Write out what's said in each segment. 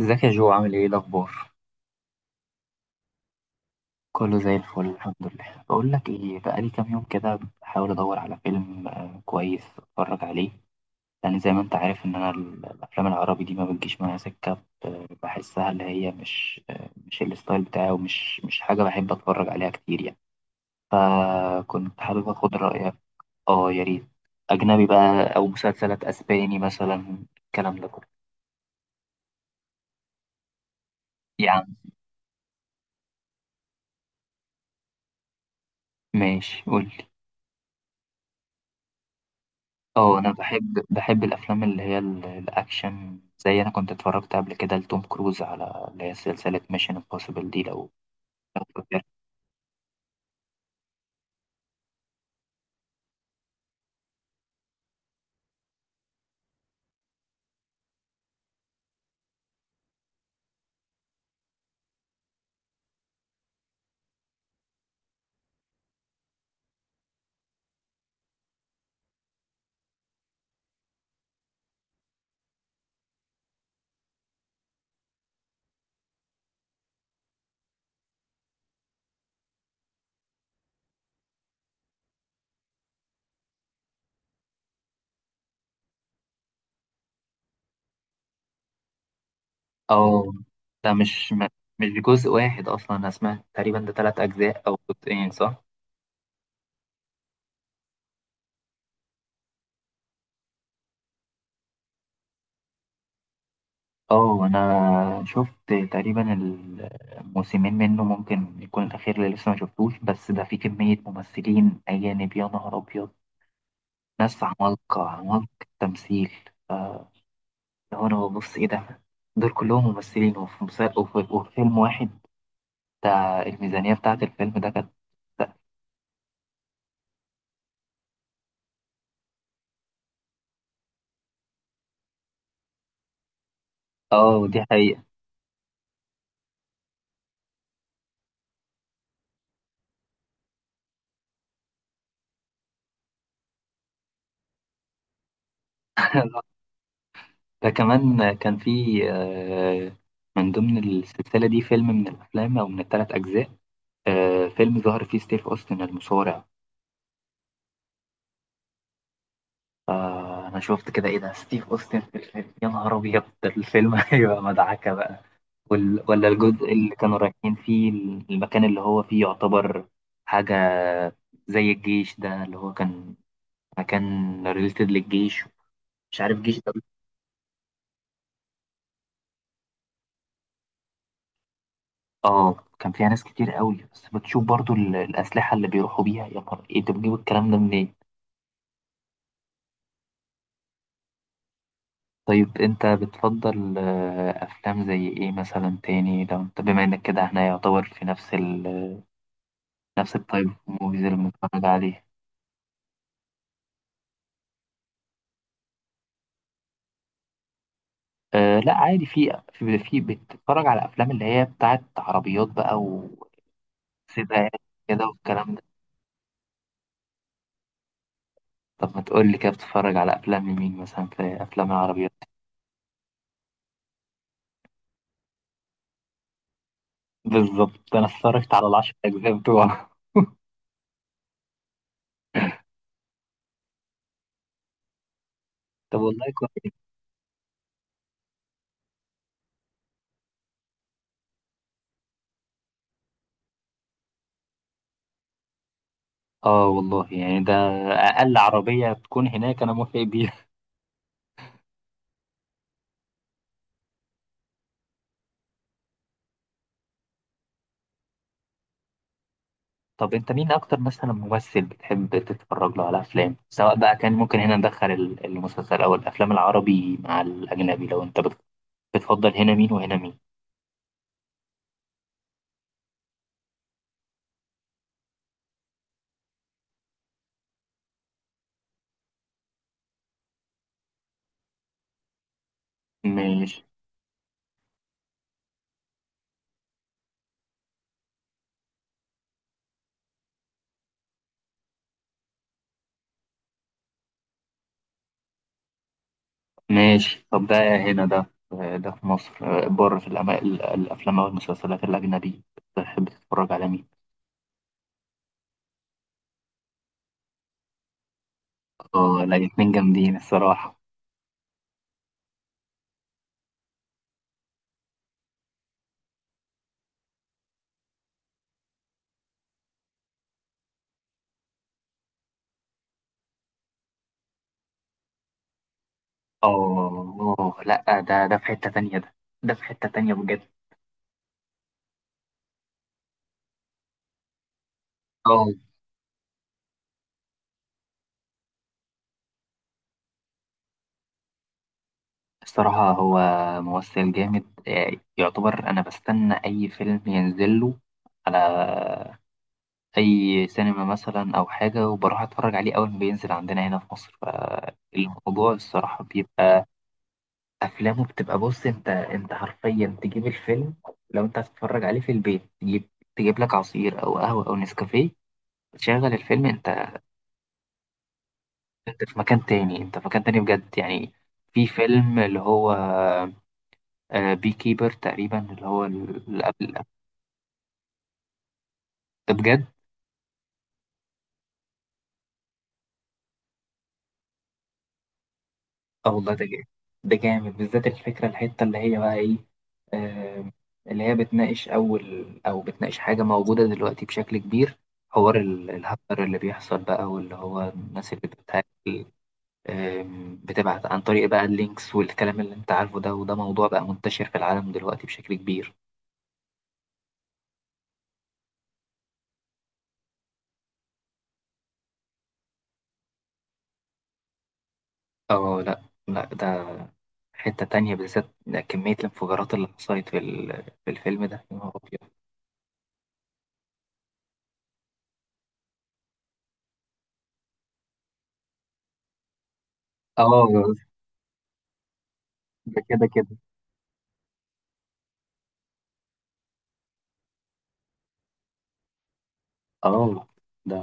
ازيك يا جو، عامل ايه؟ إيه الاخبار؟ كله زي الفل، الحمد لله. بقول لك ايه، بقالي كام يوم كده بحاول ادور على فيلم كويس اتفرج عليه. لان زي ما انت عارف ان انا الافلام العربي دي ما بتجيش معايا سكه، بحسها اللي هي مش مش الستايل بتاعي، ومش مش حاجه بحب اتفرج عليها كتير يعني. فكنت حابب اخد رايك. اه، يا ريت. اجنبي بقى، او مسلسلات اسباني مثلا، الكلام ده كله. يا عم، ماشي قول. اه انا بحب الافلام اللي هي الاكشن، زي انا كنت اتفرجت قبل كده لتوم كروز على اللي هي سلسله ميشن امبوسيبل دي، لو فاكر. اه، ده مش جزء واحد اصلا. انا سمعت تقريبا ده ثلاث اجزاء او جزئين، صح؟ اه انا شفت تقريبا الموسمين منه، ممكن يكون الاخير اللي لسه ما شفتوش. بس ده فيه كميه ممثلين اجانب، يا نهار ابيض. ناس عمالقه عمالقه تمثيل. آه، لو انا ببص ايه ده، دول كلهم ممثلين وفي مسلسل وفي فيلم واحد. بتاع الميزانية بتاعة الفيلم ده كانت. اه دي حقيقة. ده كمان كان في آه، من ضمن السلسلة دي فيلم من الأفلام أو من الثلاث أجزاء، فيلم ظهر فيه ستيف أوستن المصارع. فأنا شفت كده، إيه ده ستيف أوستن في الفيلم؟ يا نهار أبيض، ده الفيلم هيبقى مدعكة بقى. ولا الجزء اللي كانوا رايحين فيه المكان اللي هو فيه يعتبر حاجة زي الجيش ده اللي هو كان. فكان ريليتد للجيش، مش عارف جيش ده. اه كان فيها ناس كتير قوي. بس بتشوف برضو الأسلحة اللي بيروحوا بيها، يا نهار! ايه انت بتجيب الكلام ده منين؟ طيب انت بتفضل افلام زي ايه مثلا تاني، لو انت بما انك كده احنا يعتبر في نفس التايب موفيز اللي بنتفرج عليه. أه لا عادي، في بتتفرج على افلام اللي هي بتاعت عربيات بقى، وسباقات كده والكلام ده. طب ما تقول لي كده، بتتفرج على افلام مين مثلا في افلام العربيات؟ بالظبط، انا اتفرجت على ال10 اجزاء بتوعه طب والله كويس. اه والله يعني، ده اقل عربيه تكون هناك انا موافق بيها. طب، انت مين اكتر مثلا ممثل بتحب تتفرج له على افلام، سواء بقى كان ممكن هنا ندخل المسلسل او الافلام العربي مع الاجنبي؟ لو انت بتفضل هنا مين وهنا مين؟ ماشي. ماشي، طب ده هنا ده، ده في مصر. بره في الافلام او المسلسلات الاجنبي بتحب تتفرج على مين؟ اه لا، الاتنين جامدين الصراحه. اه لا، ده في حتة تانية. ده ده في حتة تانية بجد. اه الصراحة هو ممثل جامد، يعتبر. أنا بستنى أي فيلم ينزل له على أي سينما مثلا أو حاجة، وبروح أتفرج عليه أول ما بينزل عندنا هنا في مصر. فالموضوع الصراحة بيبقى أفلامه بتبقى، بص أنت حرفيا تجيب الفيلم. لو أنت هتتفرج عليه في البيت، تجيب لك عصير أو قهوة أو نسكافيه، تشغل الفيلم أنت. انت في مكان تاني، انت في مكان تاني بجد يعني. في فيلم اللي هو بي كيبر تقريبا اللي هو اللي قبل ده. بجد. اه والله، ده جامد. ده جامد بالذات، الفكرة الحتة اللي هي بقى ايه، آه، اللي هي بتناقش اول او بتناقش حاجة موجودة دلوقتي بشكل كبير. حوار الهاكر اللي بيحصل بقى، واللي هو الناس اللي بتهاكل، بتبعت عن طريق بقى اللينكس والكلام اللي انت عارفه ده. وده موضوع بقى منتشر في العالم دلوقتي بشكل كبير. اه لا لا، ده حتة تانية بالذات. ده كمية الانفجارات اللي حصلت في الفيلم ده، يا نهار أبيض. اه ده كده كده. اه ده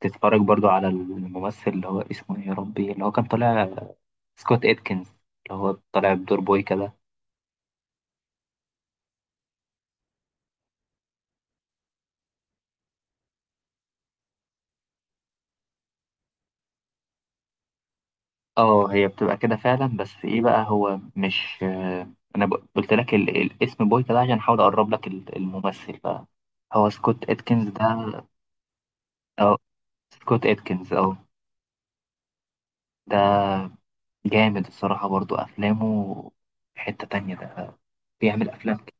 بتتفرج برضو على الممثل اللي هو اسمه ايه يا ربي، اللي هو كان طالع سكوت اتكنز، اللي هو طالع بدور بوي كده. اه هي بتبقى كده فعلا. بس ايه بقى، هو مش انا قلت لك الاسم بوي كده عشان احاول اقرب لك الممثل بقى. هو سكوت اتكنز ده. اه، سكوت اتكنز. اه ده جامد الصراحة برضو أفلامه، في حتة تانية ده، بيعمل أفلام كده.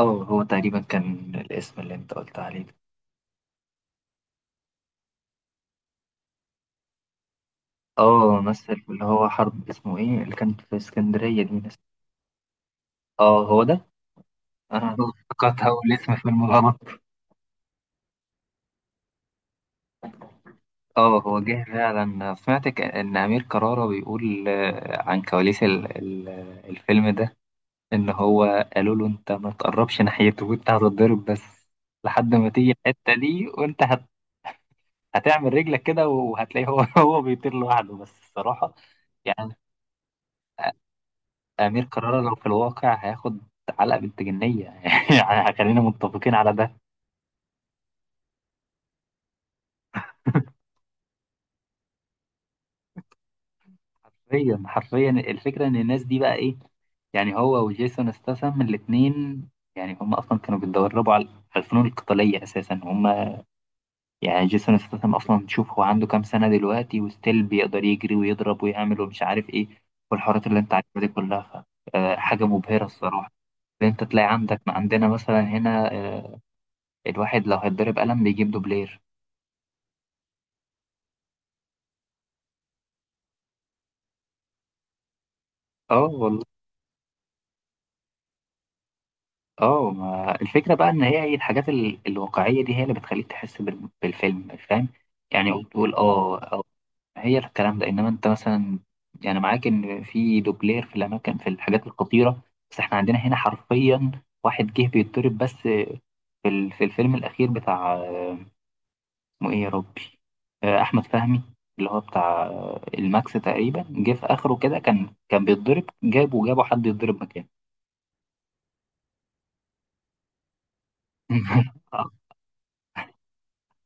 اه هو تقريبا كان الاسم اللي انت قلت عليه ده. اه، مثل في اللي هو حرب اسمه ايه اللي كانت في اسكندرية دي، ناس. اه هو ده. انا افتكرت اول اسم فيلم غلط. اه، هو جه فعلا. سمعت ان امير كرارة بيقول عن كواليس الفيلم ده، ان هو قالوا له انت ما تقربش ناحيته وانت هتتضرب. بس لحد ما تيجي الحتة دي وانت هتعمل رجلك كده، وهتلاقيه هو هو بيطير لوحده بس الصراحة. يعني أمير كرارة لو في الواقع هياخد علقة بنت جنية يعني خلينا متفقين على ده. حرفيا حرفيا، الفكرة إن الناس دي بقى إيه يعني. هو وجيسون استاثام الاتنين، يعني هم أصلا كانوا بيتدربوا على الفنون القتالية أساسا هم. يعني جيسون استاثام أصلا، تشوف هو عنده كام سنة دلوقتي وستيل بيقدر يجري ويضرب ويعمل ومش عارف إيه، والحوارات اللي أنت عارفها دي كلها، حاجة مبهرة الصراحة. إن انت تلاقي عندك، ما عندنا مثلا هنا الواحد لو هيتضرب قلم بيجيب دوبلير. اه والله. اه ما الفكره بقى ان هي الحاجات الواقعيه دي هي اللي بتخليك تحس بالفيلم، فاهم. يعني وتقول اه، هي الكلام ده. انما انت مثلا يعني، معاك ان في دوبلير في الاماكن، في الحاجات الخطيره. بس احنا عندنا هنا حرفيا واحد جه بيتضرب، بس في في الفيلم الاخير بتاع اسمه ايه يا ربي، احمد فهمي، اللي هو بتاع الماكس تقريبا. جه في اخره كده، كان بيتضرب، جابه حد يتضرب مكانه. آه،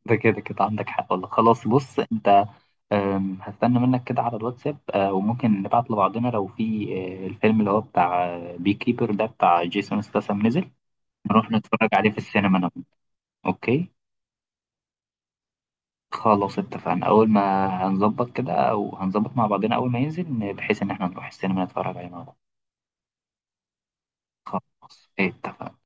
ده كده كده عندك حق والله. خلاص بص انت، هستنى منك كده على الواتساب، وممكن نبعت لبعضنا لو في الفيلم اللي هو بتاع بي كيبر ده بتاع جيسون ستاثام نزل، نروح نتفرج عليه في السينما انا وأنت. اوكي. خلاص اتفقنا، اول ما هنظبط كده او هنظبط مع بعضنا اول ما ينزل، بحيث ان احنا نروح السينما نتفرج عليه مع بعض. خلاص، إيه، اتفقنا.